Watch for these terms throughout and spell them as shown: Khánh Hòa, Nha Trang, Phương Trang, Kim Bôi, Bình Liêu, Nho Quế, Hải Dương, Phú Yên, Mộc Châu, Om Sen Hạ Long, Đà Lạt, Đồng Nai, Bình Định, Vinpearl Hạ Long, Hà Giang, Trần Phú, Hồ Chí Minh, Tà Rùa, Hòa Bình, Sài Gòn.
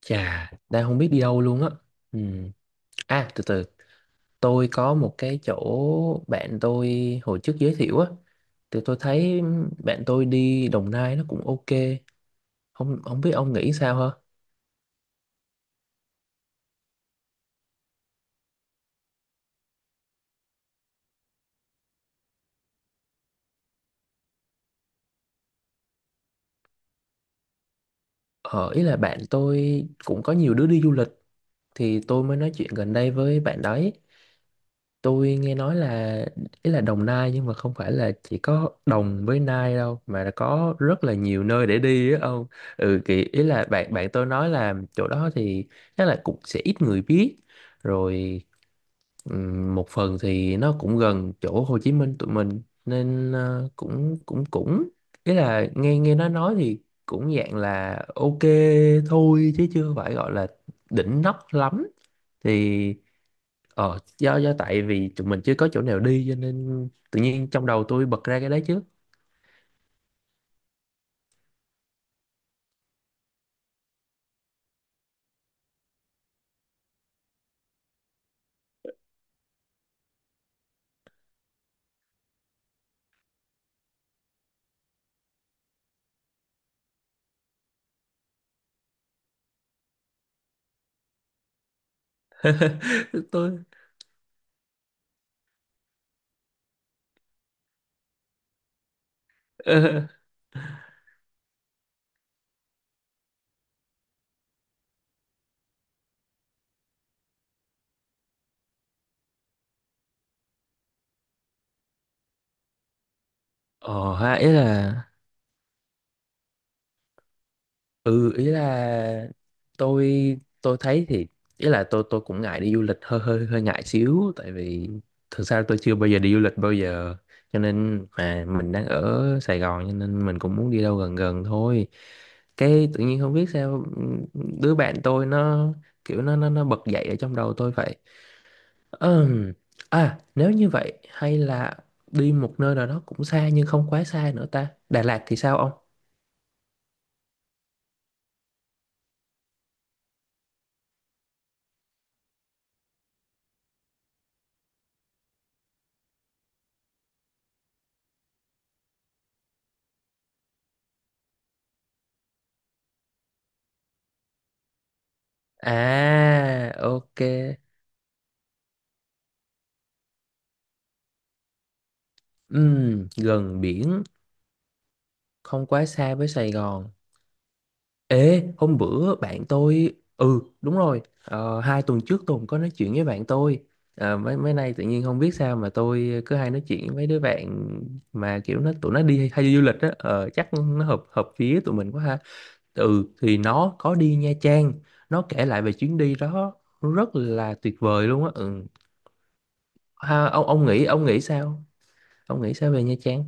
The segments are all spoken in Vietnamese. Chà, đang không biết đi đâu luôn á. Ừ. À, từ từ, tôi có một cái chỗ bạn tôi hồi trước giới thiệu á. Thì tôi thấy bạn tôi đi Đồng Nai nó cũng ok. Không không biết ông nghĩ sao hả? Ờ, ý là bạn tôi cũng có nhiều đứa đi du lịch thì tôi mới nói chuyện gần đây với bạn đấy. Tôi nghe nói là ý là Đồng Nai nhưng mà không phải là chỉ có Đồng với Nai đâu mà là có rất là nhiều nơi để đi á ông. Ừ thì ý là bạn bạn tôi nói là chỗ đó thì chắc là cũng sẽ ít người biết. Rồi một phần thì nó cũng gần chỗ Hồ Chí Minh tụi mình nên cũng cũng cũng ý là nghe nghe nó nói thì cũng dạng là ok thôi chứ chưa phải gọi là đỉnh nóc lắm. Thì do tại vì tụi mình chưa có chỗ nào đi cho nên tự nhiên trong đầu tôi bật ra cái đấy chứ. Tôi... Ờ, ờ, ha, ý là... Ừ, ý là tôi tôi thấy thì ý là tôi cũng ngại đi du lịch hơi hơi hơi ngại xíu tại vì thực ra tôi chưa bao giờ đi du lịch bao giờ, cho nên mà mình đang ở Sài Gòn cho nên mình cũng muốn đi đâu gần gần thôi, cái tự nhiên không biết sao đứa bạn tôi nó kiểu nó bật dậy ở trong đầu tôi vậy. Ừm, À, nếu như vậy hay là đi một nơi nào đó cũng xa nhưng không quá xa nữa ta. Đà Lạt thì sao ông? À, ok. Gần biển, không quá xa với Sài Gòn. Ê, hôm bữa bạn tôi... Ừ, đúng rồi. Ờ, 2 tuần trước tôi cũng có nói chuyện với bạn tôi. Ờ, mấy mấy nay tự nhiên không biết sao mà tôi cứ hay nói chuyện với mấy đứa bạn mà kiểu nó tụi nó đi hay đi du lịch á. Ờ, chắc nó hợp hợp phía tụi mình quá ha. Ừ thì nó có đi Nha Trang. Nó kể lại về chuyến đi đó, rất là tuyệt vời luôn á, ừ. Ha, ông nghĩ sao? Ông nghĩ sao về Nha Trang?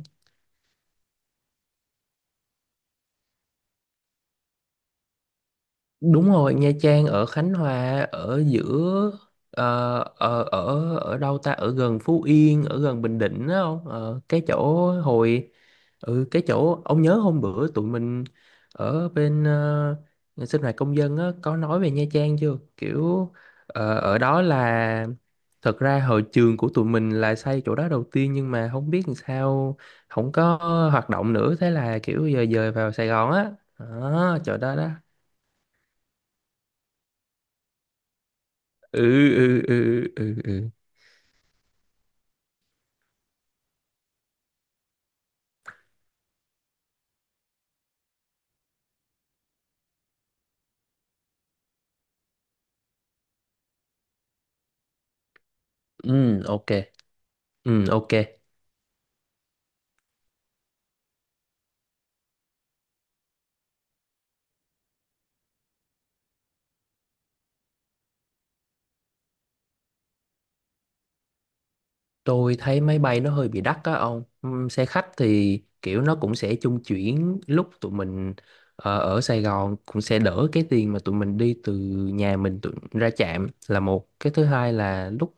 Đúng rồi, Nha Trang ở Khánh Hòa ở giữa. Ờ, ở ở ở đâu ta, ở gần Phú Yên, ở gần Bình Định đó không? Ờ, cái chỗ hồi... Ừ, cái chỗ ông nhớ hôm bữa tụi mình ở bên sinh hoạt công dân á có nói về Nha Trang chưa kiểu. Ờ, ở đó là thật ra hồi trường của tụi mình là xây chỗ đó đầu tiên nhưng mà không biết làm sao không có hoạt động nữa, thế là kiểu giờ dời vào Sài Gòn á. Đó, chỗ đó đó. Ừ ừ ừ ừ ừ ừ. Ok. Ừ, ok. Tôi thấy máy bay nó hơi bị đắt á ông. Xe khách thì kiểu nó cũng sẽ chung chuyển lúc tụi mình ở Sài Gòn cũng sẽ đỡ cái tiền mà tụi mình đi từ nhà mình tụi, ra trạm là một. Cái thứ hai là lúc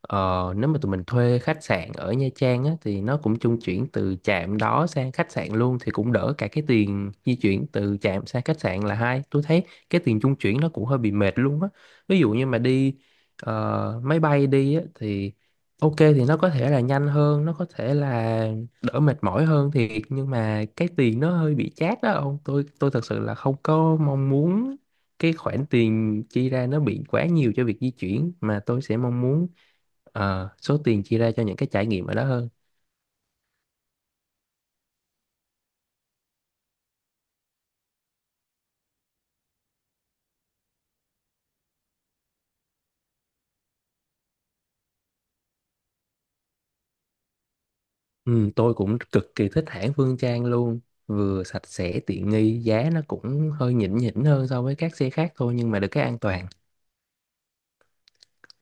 nếu mà tụi mình thuê khách sạn ở Nha Trang á, thì nó cũng chung chuyển từ trạm đó sang khách sạn luôn thì cũng đỡ cả cái tiền di chuyển từ trạm sang khách sạn là hai. Tôi thấy cái tiền chung chuyển nó cũng hơi bị mệt luôn á. Ví dụ như mà đi máy bay đi á, thì ok thì nó có thể là nhanh hơn, nó có thể là đỡ mệt mỏi hơn thiệt, nhưng mà cái tiền nó hơi bị chát đó ông. Tôi thật sự là không có mong muốn cái khoản tiền chi ra nó bị quá nhiều cho việc di chuyển, mà tôi sẽ mong muốn số tiền chi ra cho những cái trải nghiệm ở đó hơn. Ừ, tôi cũng cực kỳ thích hãng Phương Trang luôn, vừa sạch sẽ tiện nghi, giá nó cũng hơi nhỉnh nhỉnh hơn so với các xe khác thôi nhưng mà được cái an toàn.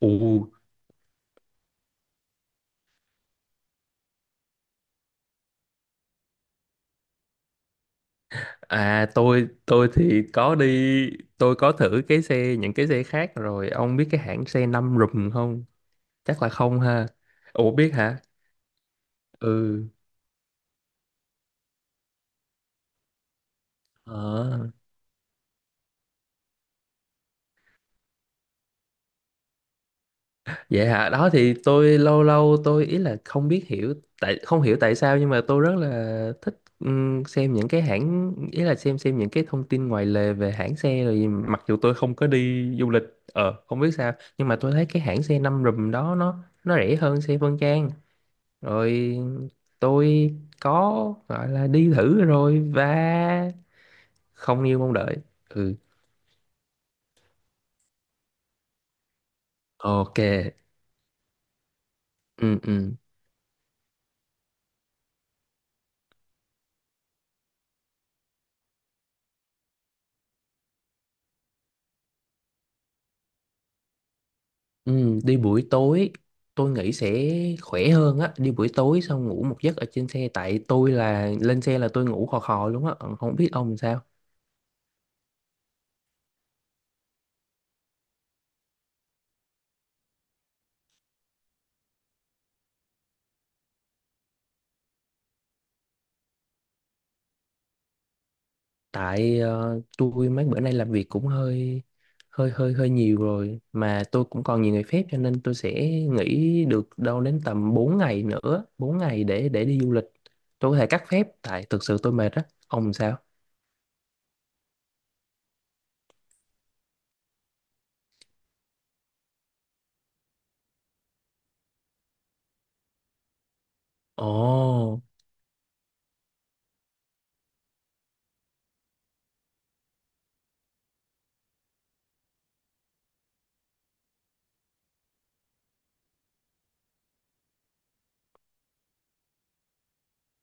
Ồ. À, tôi thì có đi, tôi có thử cái xe những cái xe khác rồi, ông biết cái hãng xe năm rùm không? Chắc là không ha. Ủa biết hả? Ừ. Ờ. Vậy hả? Đó thì tôi lâu lâu tôi ý là không biết hiểu, tại không hiểu tại sao nhưng mà tôi rất là thích xem những cái hãng, ý là xem những cái thông tin ngoài lề về hãng xe rồi gì. Mặc dù tôi không có đi du lịch, ờ, không biết sao nhưng mà tôi thấy cái hãng xe năm rùm đó nó rẻ hơn xe Phương Trang, rồi tôi có gọi là đi thử rồi và không như mong đợi. Ừ. Ok. Ừ ừ ừ. Đi buổi tối, tôi nghĩ sẽ khỏe hơn á, đi buổi tối xong ngủ một giấc ở trên xe, tại tôi là lên xe là tôi ngủ khò khò luôn á, không biết ông làm sao. Tại tôi mấy bữa nay làm việc cũng hơi hơi hơi hơi nhiều rồi, mà tôi cũng còn nhiều ngày phép cho nên tôi sẽ nghỉ được đâu đến tầm 4 ngày nữa, 4 ngày để đi du lịch. Tôi có thể cắt phép tại thực sự tôi mệt á. Ông sao? Ồ,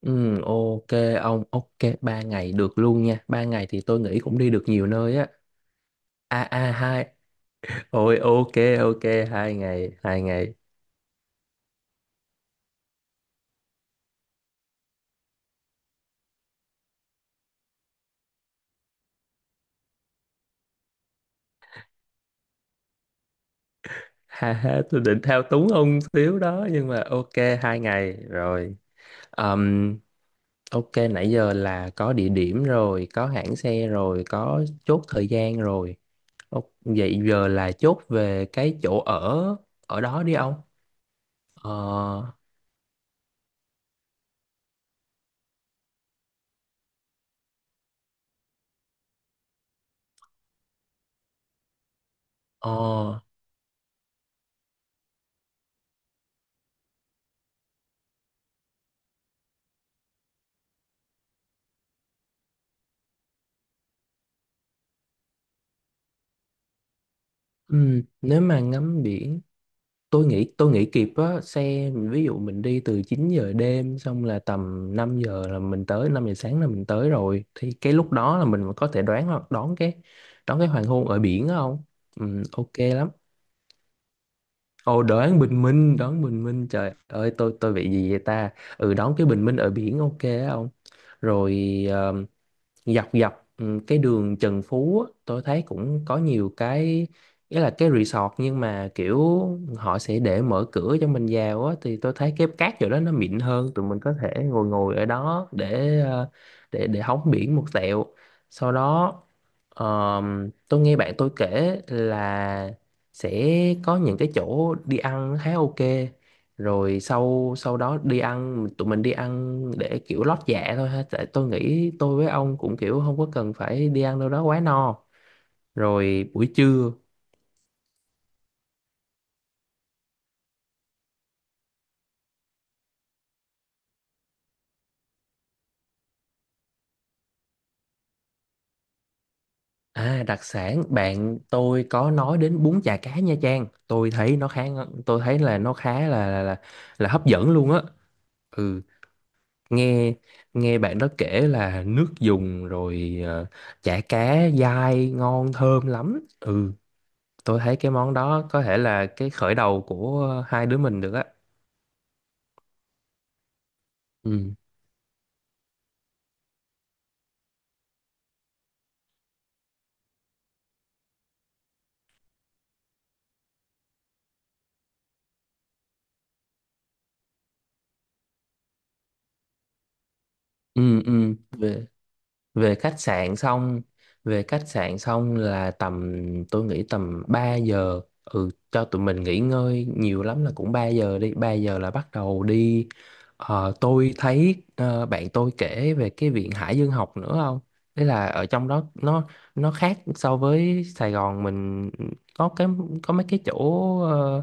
ừ, ok ông, ok, 3 ngày được luôn nha. 3 ngày thì tôi nghĩ cũng đi được nhiều nơi á. À à, hai. Ôi ok, ok, 2 ngày, 2 ngày. Ha ha, tôi định thao túng ông xíu đó nhưng mà ok, 2 ngày rồi. Ừm, ok, nãy giờ là có địa điểm rồi, có hãng xe rồi, có chốt thời gian rồi. Ok, vậy giờ là chốt về cái chỗ ở ở đó đi ông. Ờ, ờ, nếu mà ngắm biển, tôi nghĩ kịp á, xe ví dụ mình đi từ 9 giờ đêm xong là tầm 5 giờ là mình tới, 5 giờ sáng là mình tới rồi thì cái lúc đó là mình có thể đoán đón cái hoàng hôn ở biển đó không? Ok lắm. Ồ, đoán bình minh, đoán bình minh, trời ơi tôi bị gì vậy ta? Ừ, đoán cái bình minh ở biển ok á ông. Rồi dọc dọc ừ, cái đường Trần Phú á, tôi thấy cũng có nhiều cái nghĩa là cái resort nhưng mà kiểu họ sẽ để mở cửa cho mình vào á, thì tôi thấy cái cát chỗ đó nó mịn hơn, tụi mình có thể ngồi ngồi ở đó để để hóng biển một tẹo. Sau đó tôi nghe bạn tôi kể là sẽ có những cái chỗ đi ăn khá ok, rồi sau sau đó đi ăn tụi mình đi ăn để kiểu lót dạ thôi ha, tại tôi nghĩ tôi với ông cũng kiểu không có cần phải đi ăn đâu đó quá no. Rồi buổi trưa. À, đặc sản bạn tôi có nói đến bún chả cá Nha Trang, tôi thấy nó khá, tôi thấy là nó khá là, là hấp dẫn luôn á. Ừ, nghe nghe bạn đó kể là nước dùng rồi ờ, chả cá dai ngon thơm lắm, ừ. Tôi thấy cái món đó có thể là cái khởi đầu của hai đứa mình được á. Ừ ừ ừ. Về, về khách sạn xong, về khách sạn xong là tầm, tôi nghĩ tầm 3 giờ, ừ, cho tụi mình nghỉ ngơi nhiều lắm là cũng 3 giờ đi, 3 giờ là bắt đầu đi. Ờ, tôi thấy ờ, bạn tôi kể về cái viện Hải Dương học nữa không. Thế là ở trong đó nó khác so với Sài Gòn mình, có cái có mấy cái chỗ ờ,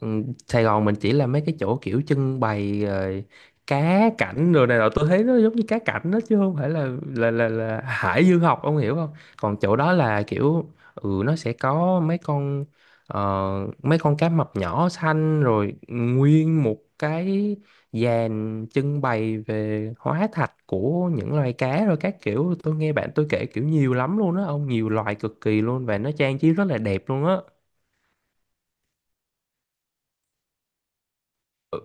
ừ, Sài Gòn mình chỉ là mấy cái chỗ kiểu trưng bày rồi cá cảnh rồi này nọ, tôi thấy nó giống như cá cảnh đó chứ không phải là là hải dương học, ông hiểu không? Còn chỗ đó là kiểu, ừ, nó sẽ có ờ, mấy con cá mập nhỏ xanh rồi nguyên một cái dàn trưng bày về hóa thạch của những loài cá rồi các kiểu. Tôi nghe bạn tôi kể kiểu nhiều lắm luôn á ông, nhiều loài cực kỳ luôn và nó trang trí rất là đẹp luôn á. Ừ.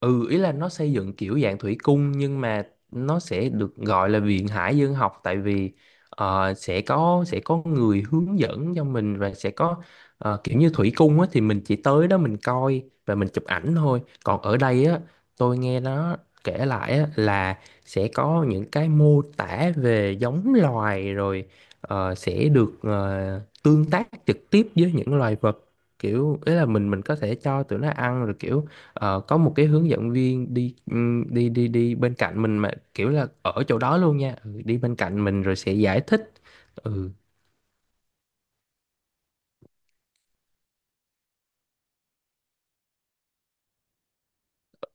Ừ, ý là nó xây dựng kiểu dạng thủy cung nhưng mà nó sẽ được gọi là viện hải dương học, tại vì ờ, sẽ có người hướng dẫn cho mình và sẽ có ờ, kiểu như thủy cung á, thì mình chỉ tới đó mình coi và mình chụp ảnh thôi. Còn ở đây á, tôi nghe nó kể lại á, là sẽ có những cái mô tả về giống loài rồi sẽ được tương tác trực tiếp với những loài vật, kiểu ý là mình có thể cho tụi nó ăn rồi kiểu. Ờ, có một cái hướng dẫn viên đi đi bên cạnh mình mà kiểu là ở chỗ đó luôn nha, ừ, đi bên cạnh mình rồi sẽ giải thích. Ừ.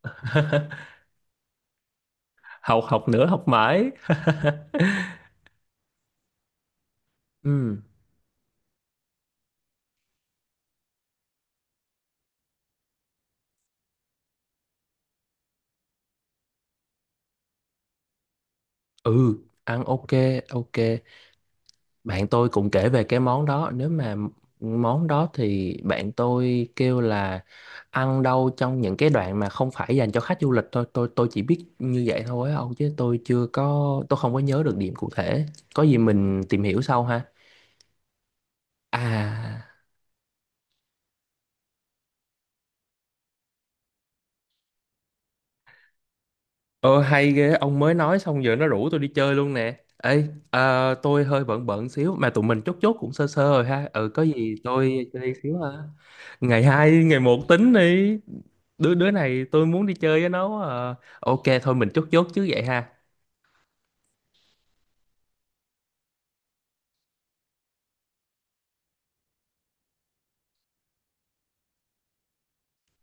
Học, học nữa, học mãi. Ừ ừ. Ăn ok, ok, bạn tôi cũng kể về cái món đó, nếu mà món đó thì bạn tôi kêu là ăn đâu trong những cái đoạn mà không phải dành cho khách du lịch thôi, tôi chỉ biết như vậy thôi á ông, chứ tôi chưa có, tôi không có nhớ được điểm cụ thể, có gì mình tìm hiểu sau ha. À, ơ hay ghê, ông mới nói xong giờ nó rủ tôi đi chơi luôn nè. Ê, à, tôi hơi bận bận xíu mà tụi mình chốt chốt cũng sơ sơ rồi ha. Ừ, có gì tôi chơi xíu ha. Ngày hai, ngày một tính đi. Đứa đứa này tôi muốn đi chơi với nó quá à. Ok thôi mình chốt chốt chứ vậy ha.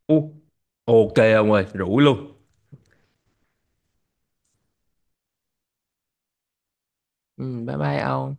U, ok ông ơi, rủ luôn. Ừ, bye bye ông.